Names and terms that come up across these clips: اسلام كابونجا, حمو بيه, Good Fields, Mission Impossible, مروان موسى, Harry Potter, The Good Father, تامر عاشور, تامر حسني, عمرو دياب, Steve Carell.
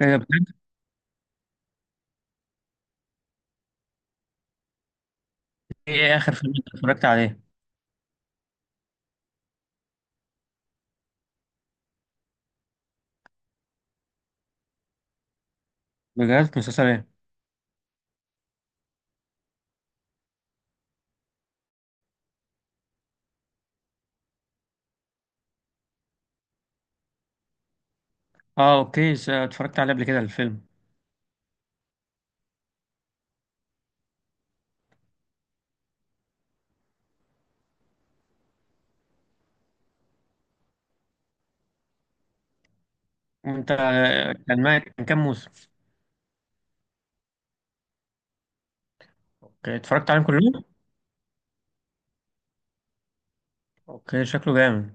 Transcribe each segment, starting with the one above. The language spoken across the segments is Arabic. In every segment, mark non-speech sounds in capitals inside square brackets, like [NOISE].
إيه ده بجد؟ ايه، اتفرجت عليه؟ بجد؟ مسلسل ايه؟ اه، اوكي. اتفرجت عليه قبل كده الفيلم. انت، كان ما كان كام موسم؟ اوكي، اتفرجت عليهم كلهم. اوكي، شكله جامد.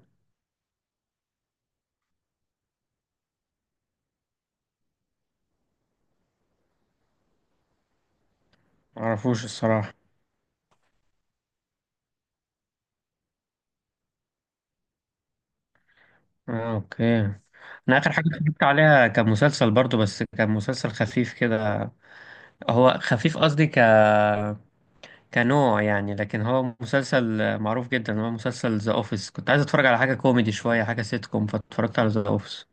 معرفوش الصراحة. آه، اوكي. انا اخر حاجة اتفرجت عليها كان مسلسل برضو، بس كان مسلسل خفيف كده. هو خفيف، قصدي كنوع يعني، لكن هو مسلسل معروف جدا، هو مسلسل ذا اوفيس. كنت عايز اتفرج على حاجة كوميدي شوية، حاجة سيت كوم، فاتفرجت على ذا اوفيس.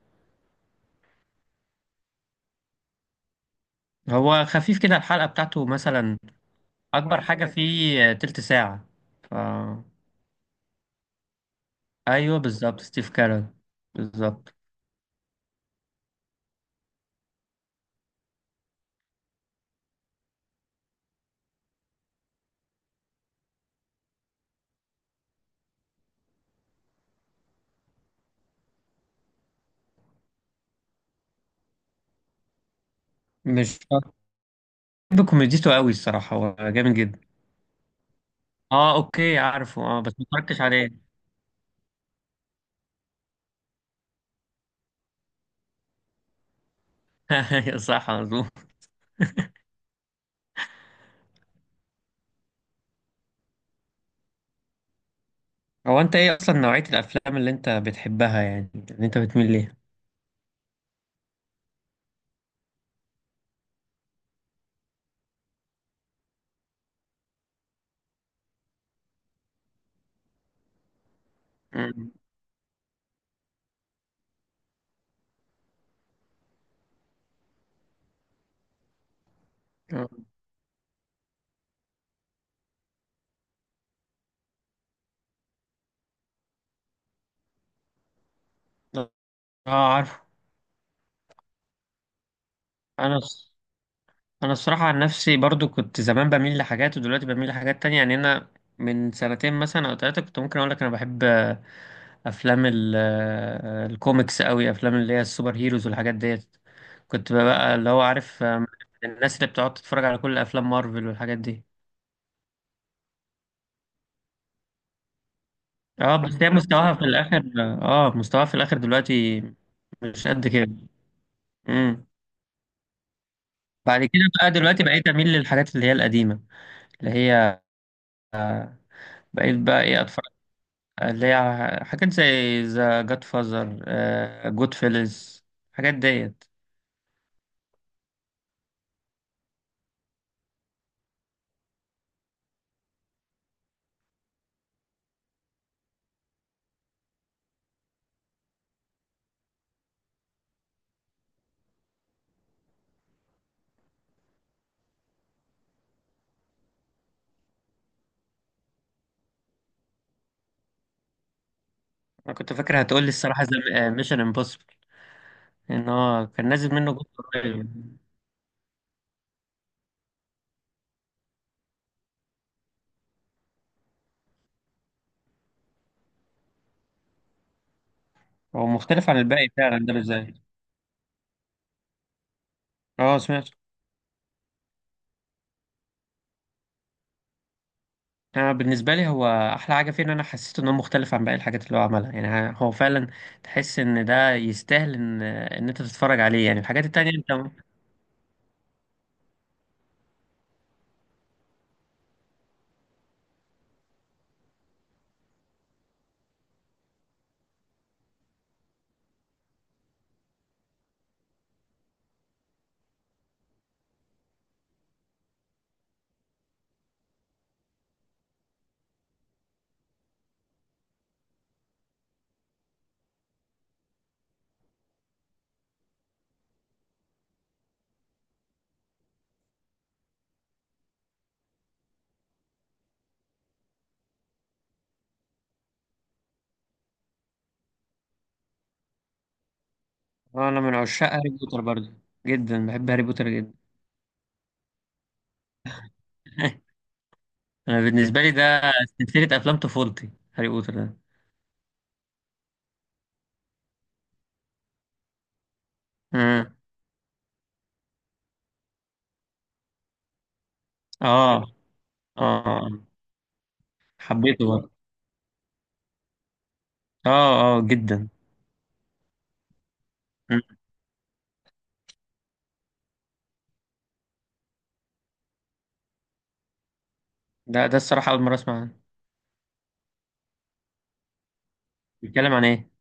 هو خفيف كده، الحلقة بتاعته مثلا اكبر حاجه فيه تلت ساعه. ف... ايوه، بالظبط ستيف كارل، بالظبط. مش بحب كوميديته قوي الصراحه، هو جامد جدا. اه، اوكي، عارفه، اه بس ما اتفرجتش عليه. [LAUGHS] أيوة، صح، مظبوط. هو انت ايه اصلا نوعيه الافلام اللي انت بتحبها، يعني اللي انت بتميل ليها؟ مم. اه، عارف. انا الص- انا الصراحه عن نفسي برضو، كنت زمان بميل لحاجات ودلوقتي بميل لحاجات تانية، يعني انا من سنتين مثلا او ثلاثه كنت ممكن اقول لك انا بحب افلام الكوميكس قوي، افلام اللي هي السوبر هيروز والحاجات ديت. كنت بقى اللي هو عارف، الناس اللي بتقعد تتفرج على كل افلام مارفل والحاجات دي. اه بس هي مستواها في الاخر، اه مستواها في الاخر دلوقتي، مش قد كده. امم بعد كده بقى دلوقتي بقيت اميل للحاجات اللي هي القديمه، اللي هي بقيت بقى ايه، اتفرج، اللي هي حاجات زي ذا جاد فازر، جود فيلز، الحاجات ديت. انا كنت فاكر هتقول لي الصراحه زي ميشن امبوسيبل، ان هو كان نازل منه جزء قريب يعني. هو مختلف عن الباقي فعلا، ده بالذات. اه، سمعت. انا بالنسبه لي هو احلى حاجه فيه ان انا حسيت ان هو مختلف عن باقي الحاجات اللي هو عملها، يعني هو فعلا تحس ان ده يستاهل ان انت تتفرج عليه، يعني الحاجات التانية انت اه. انا من عشاق هاري بوتر برضه، جدا بحب هاري بوتر جدا. [LAUGHS] انا بالنسبه لي، ده سلسله افلام طفولتي، هاري بوتر ده. امم. اه، اه، آه. حبيته برضه، اه اه جدا. مم. ده الصراحه اول مره اسمع عنه. بيتكلم عن ايه؟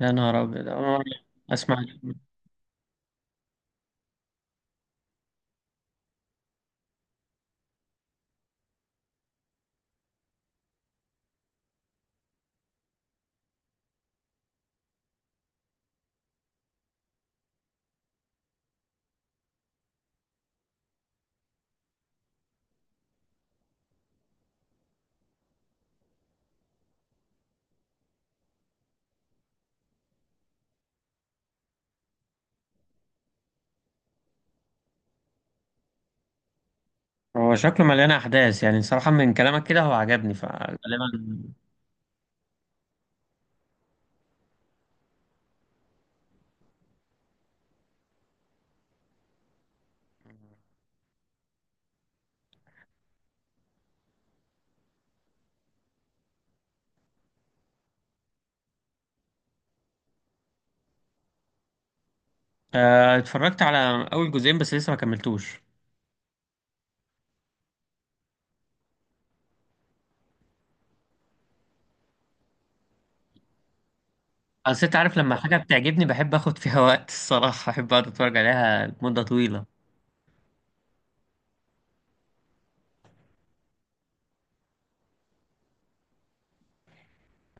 يا نهار أبيض، أنا أسمع. هو شكله مليان أحداث، يعني صراحة من كلامك كده هو عجبني فغالبا. اتفرجت على أول جزئين بس لسه ما كملتوش. أصل أنت عارف، لما حاجة بتعجبني بحب آخد فيها [LAUGHS] وقت الصراحة، أحب أقعد أتفرج عليها لمدة طويلة.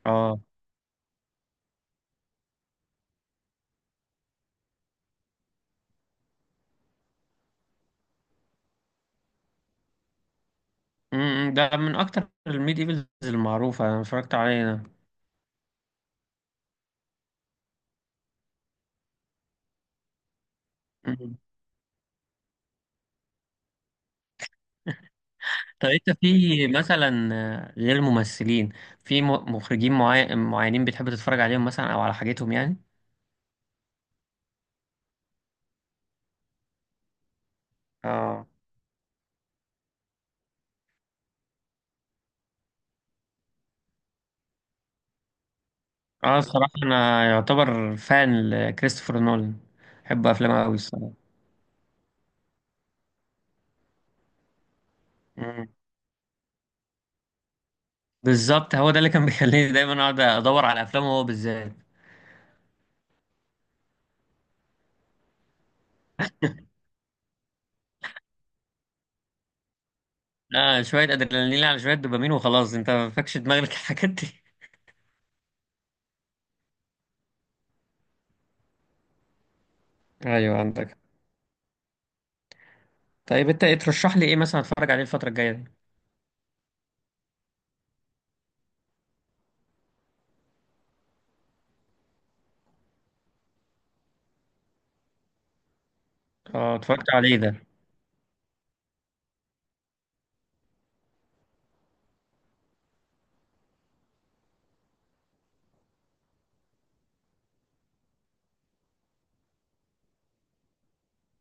أه. ده من أكتر الميد إيفلز المعروفة، أنا اتفرجت عليه ده. أمم. طب أنت في مثلا غير ممثلين، في م- مخرجين معينين بتحب تتفرج عليهم مثلا أو على حاجتهم يعني؟ اه. اه، الصراحة أنا يعتبر فان لكريستوفر نولان، بحب أفلامه أوي الصراحة. مم. بالظبط، هو ده اللي كان [LAUGHS] بيخليني دايما أقعد أدور على أفلامه هو بالذات. آه، شوية أدرينالين على شوية دوبامين، وخلاص أنت ما فاكش دماغك الحاجات دي. أيوه، عندك. طيب أنت إيه ترشح لي، إيه مثلا أتفرج عليه الفترة الجاية دي؟ اه، اتفرجت عليه ده.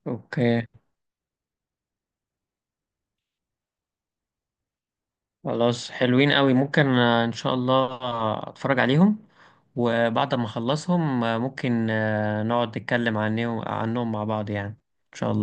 أوكي. خلاص، حلوين أوي، ممكن إن شاء الله أتفرج عليهم، وبعد ما أخلصهم ممكن نقعد نتكلم عنهم مع بعض يعني، إن شاء الله.